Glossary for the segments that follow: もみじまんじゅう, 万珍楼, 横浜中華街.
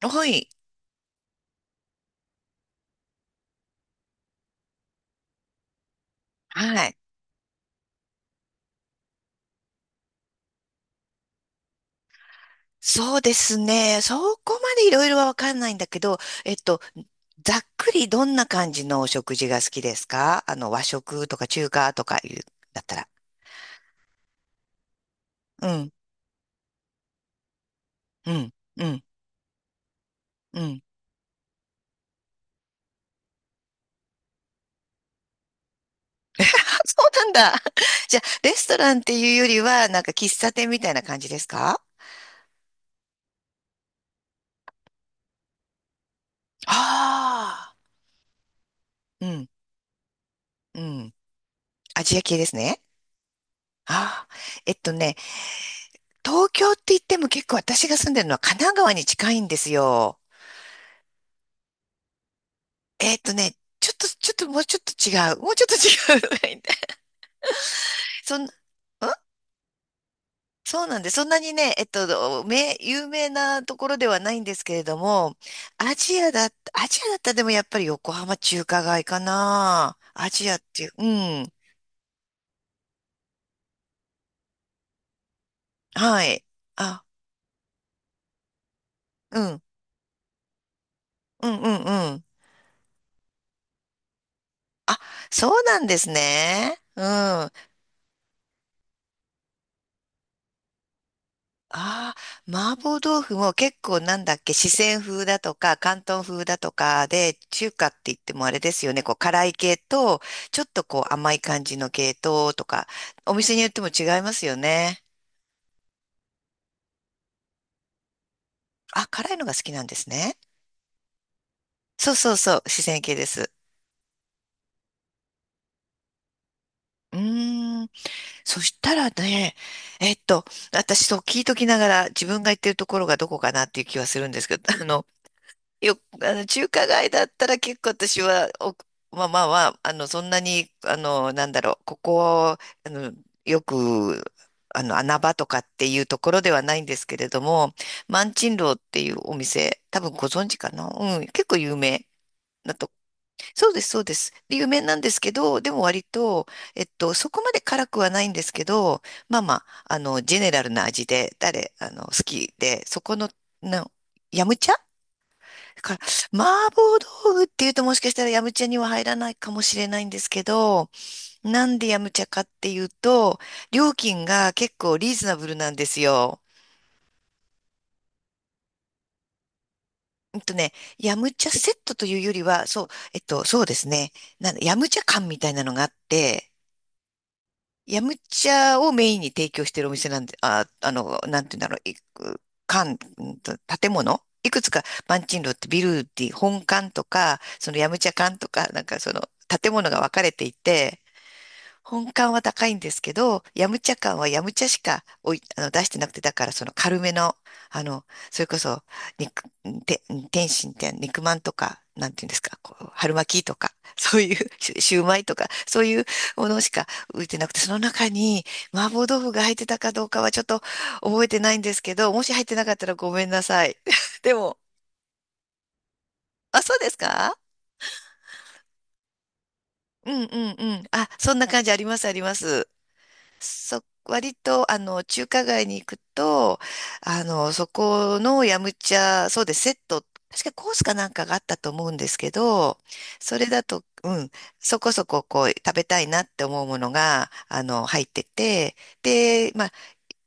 はい。はい。そうですね。そこまでいろいろはわかんないんだけど、えっと、ざっくりどんな感じのお食事が好きですか？あの、和食とか中華とかいう、だったら。うん、うん、うん、うん。そうなんだ。じゃあ、レストランっていうよりは、なんか喫茶店みたいな感じですか？ああー、うん、うん。アジア系ですね。ああ、えっとね、東京って言っても結構私が住んでるのは神奈川に近いんですよ。えーっとね、ちょっと、ちょっと、もうちょっと違う。もうちょっと違う。そん、んそうなんで、そんなにね、有名なところではないんですけれども、アジアだったらでもやっぱり横浜中華街かな。アジアっていう、うん。はい。あ、うん、うん、うん、うん。そうなんですね。うん。ああ、麻婆豆腐も結構なんだっけ、四川風だとか、広東風だとかで、中華って言ってもあれですよね、こう辛い系と、ちょっとこう甘い感じの系統とか、お店によっても違いますよね。あ、辛いのが好きなんですね。そうそうそう、四川系です。うーん、そしたらね、えっと、私そう聞いときながら自分が行ってるところがどこかなっていう気はするんですけど、あの、よ、あの、中華街だったら結構私は、まあまあまあ、そんなに、なんだろう、ここ、あの、よく、あの、穴場とかっていうところではないんですけれども、万珍楼っていうお店、多分ご存知かな？うん、結構有名なと。そうです、そうです。で有名なんですけど、でも割と、そこまで辛くはないんですけど、まあまあ、ジェネラルな味で、誰、あの、好きで、そこの、の、ヤムチャだから、麻婆豆腐っていうともしかしたらヤムチャには入らないかもしれないんですけど、なんでヤムチャかっていうと、料金が結構リーズナブルなんですよ。うんとね、ヤムチャセットというよりは、そう、そうですね、なんだヤムチャ缶みたいなのがあって、ヤムチャをメインに提供しているお店なんで、なんて言うんだろう、いく館、うんと建物いくつか、マンチンロってビルディ、本館とか、そのヤムチャ館とか、なんかその建物が分かれていて、本館は高いんですけど、ヤムチャ館はヤムチャしかおい、あの、出してなくて、だからその軽めの、あの、それこそ、肉、て、天津って肉まんとか、なんていうんですか、こう、春巻きとか、そういう、シューマイとか、そういうものしか浮いてなくて、その中に麻婆豆腐が入ってたかどうかはちょっと覚えてないんですけど、もし入ってなかったらごめんなさい。でも、あ、そうですか？うんうんうん。あ、そんな感じありますあります。そ、割と、中華街に行くと、そこのヤムチャ、そうです、セット、確かコースかなんかがあったと思うんですけど、それだと、うん、そこそここう、食べたいなって思うものが、入ってて、で、まあ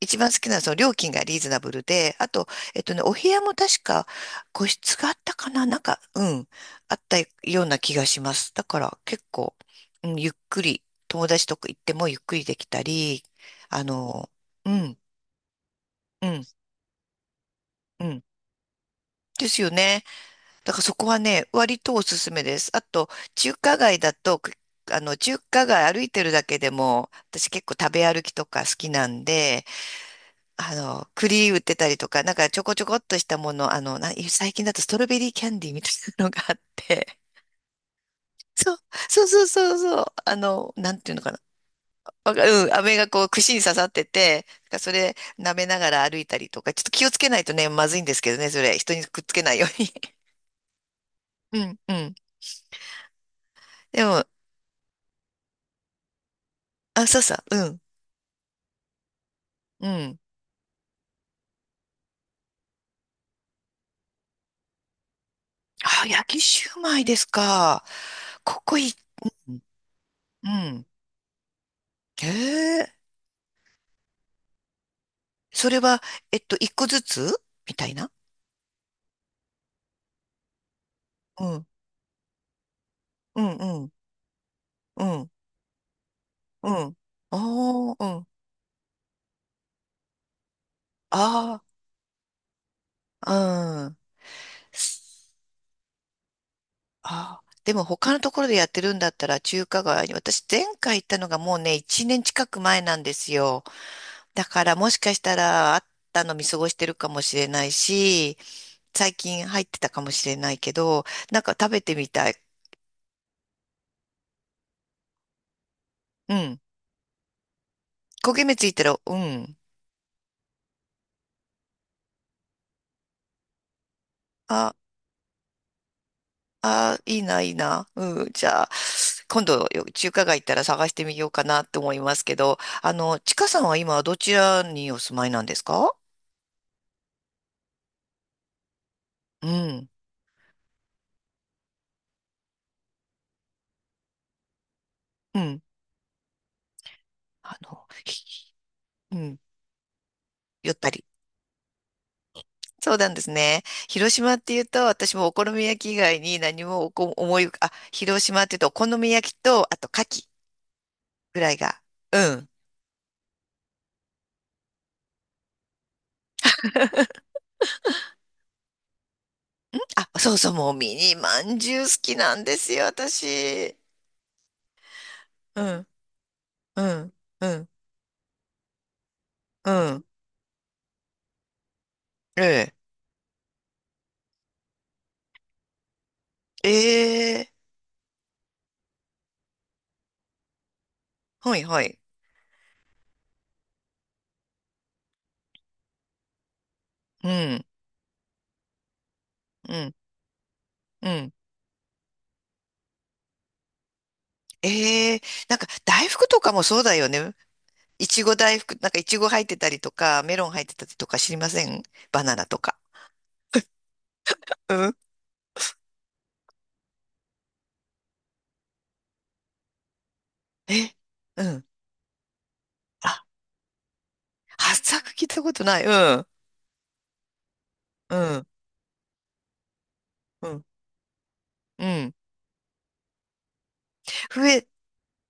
一番好きなのはその料金がリーズナブルで、あと、えっとね、お部屋も確か個室があったかななんか、うん、あったような気がします。だから結構、うん、ゆっくり、友達とか行ってもゆっくりできたり、あの、うん、うん、うん。ですよね。だからそこはね、割とおすすめです。あと、中華街だと、くあの、中華街歩いてるだけでも、私結構食べ歩きとか好きなんで、栗売ってたりとか、なんかちょこちょこっとしたもの、最近だとストロベリーキャンディーみたいなのがあって、そう、そうそうそうそう、なんていうのかな。わかうん、飴がこう串に刺さってて、なんかそれ舐めながら歩いたりとか、ちょっと気をつけないとね、まずいんですけどね、それ、人にくっつけないように。うん、うん。でも、あ、そうそう、うん、うん。あ、焼きシューマイですか？ここいい。うん。へえ、それは、一個ずつみたいな。うんうん、うん、うん。ああ、うん。ああ、うん。ああ、でも他のところでやってるんだったら中華街に、私前回行ったのがもうね、1年近く前なんですよ。だからもしかしたらあったの見過ごしてるかもしれないし、最近入ってたかもしれないけど、なんか食べてみたい。うん。焦げ目ついたら、うん。ああ、いいな、いいな。うん、じゃあ、今度よ、中華街行ったら探してみようかなって思いますけど、ちかさんは今、どちらにお住まいなんですか？うん、うん、あの、ひうん、ゆったり。そうなんですね。広島って言うと、私もお好み焼き以外に何もおこ思い浮か、あ、広島って言うと、お好み焼きと、あと、牡蠣ぐらいが。うん。あ、そうそう、もうミニまんじゅう好きなんですよ、私。うん、うん、うん、うん。ええええはいはい。うん、うん、うん。ええなんか大福とかもそうだよね。いちご大福、なんかいちご入ってたりとか、メロン入ってたりとか知りません？バナナとか。うん。え、うん。あ、発作聞いたことない。うん、うん、うん、うん。増え、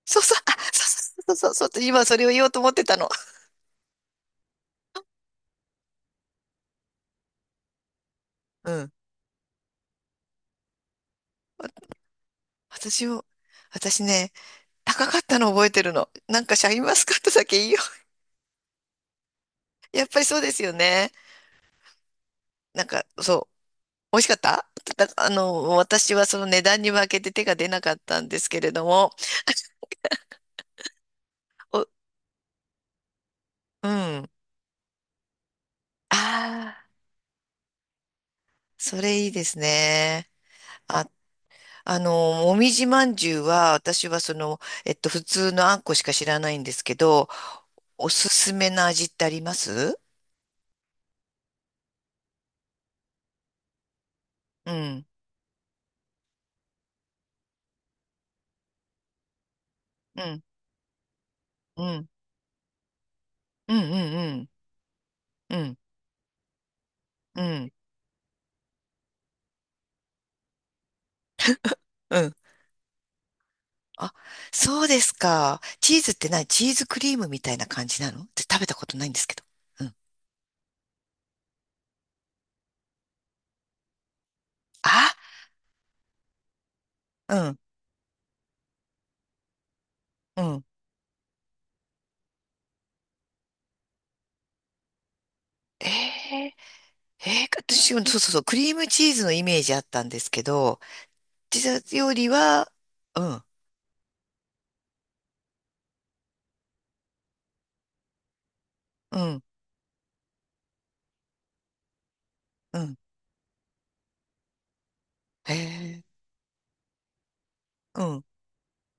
そうそう、あ、そうそうそう、そう、今それを言おうと思ってたの。うん。私を、私ね、高かったの覚えてるの。なんかシャインマスカットだけいいよ。やっぱりそうですよね。なんか、そう。美味しかっただ、私はその値段に負けて手が出なかったんですけれども、お、うん。ああ、それいいですね。あ、もみじまんじゅうは、私はその、普通のあんこしか知らないんですけど、おすすめの味ってあります？うん、うん、うん、うん、うん、うん、うん、うん、うん。あ、そうですか。チーズって何チーズクリームみたいな感じなの？って食べたことないんですけど。うん。あ、うん、うん。ええええ私、そうそうそう、クリームチーズのイメージあったんですけど、ピザよりは、うん、うん、うん、へえうん、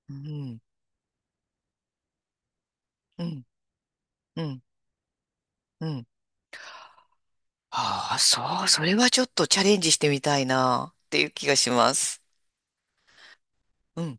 うん、うん、うん、うん。ああ、そう、それはちょっとチャレンジしてみたいな、っていう気がします。うん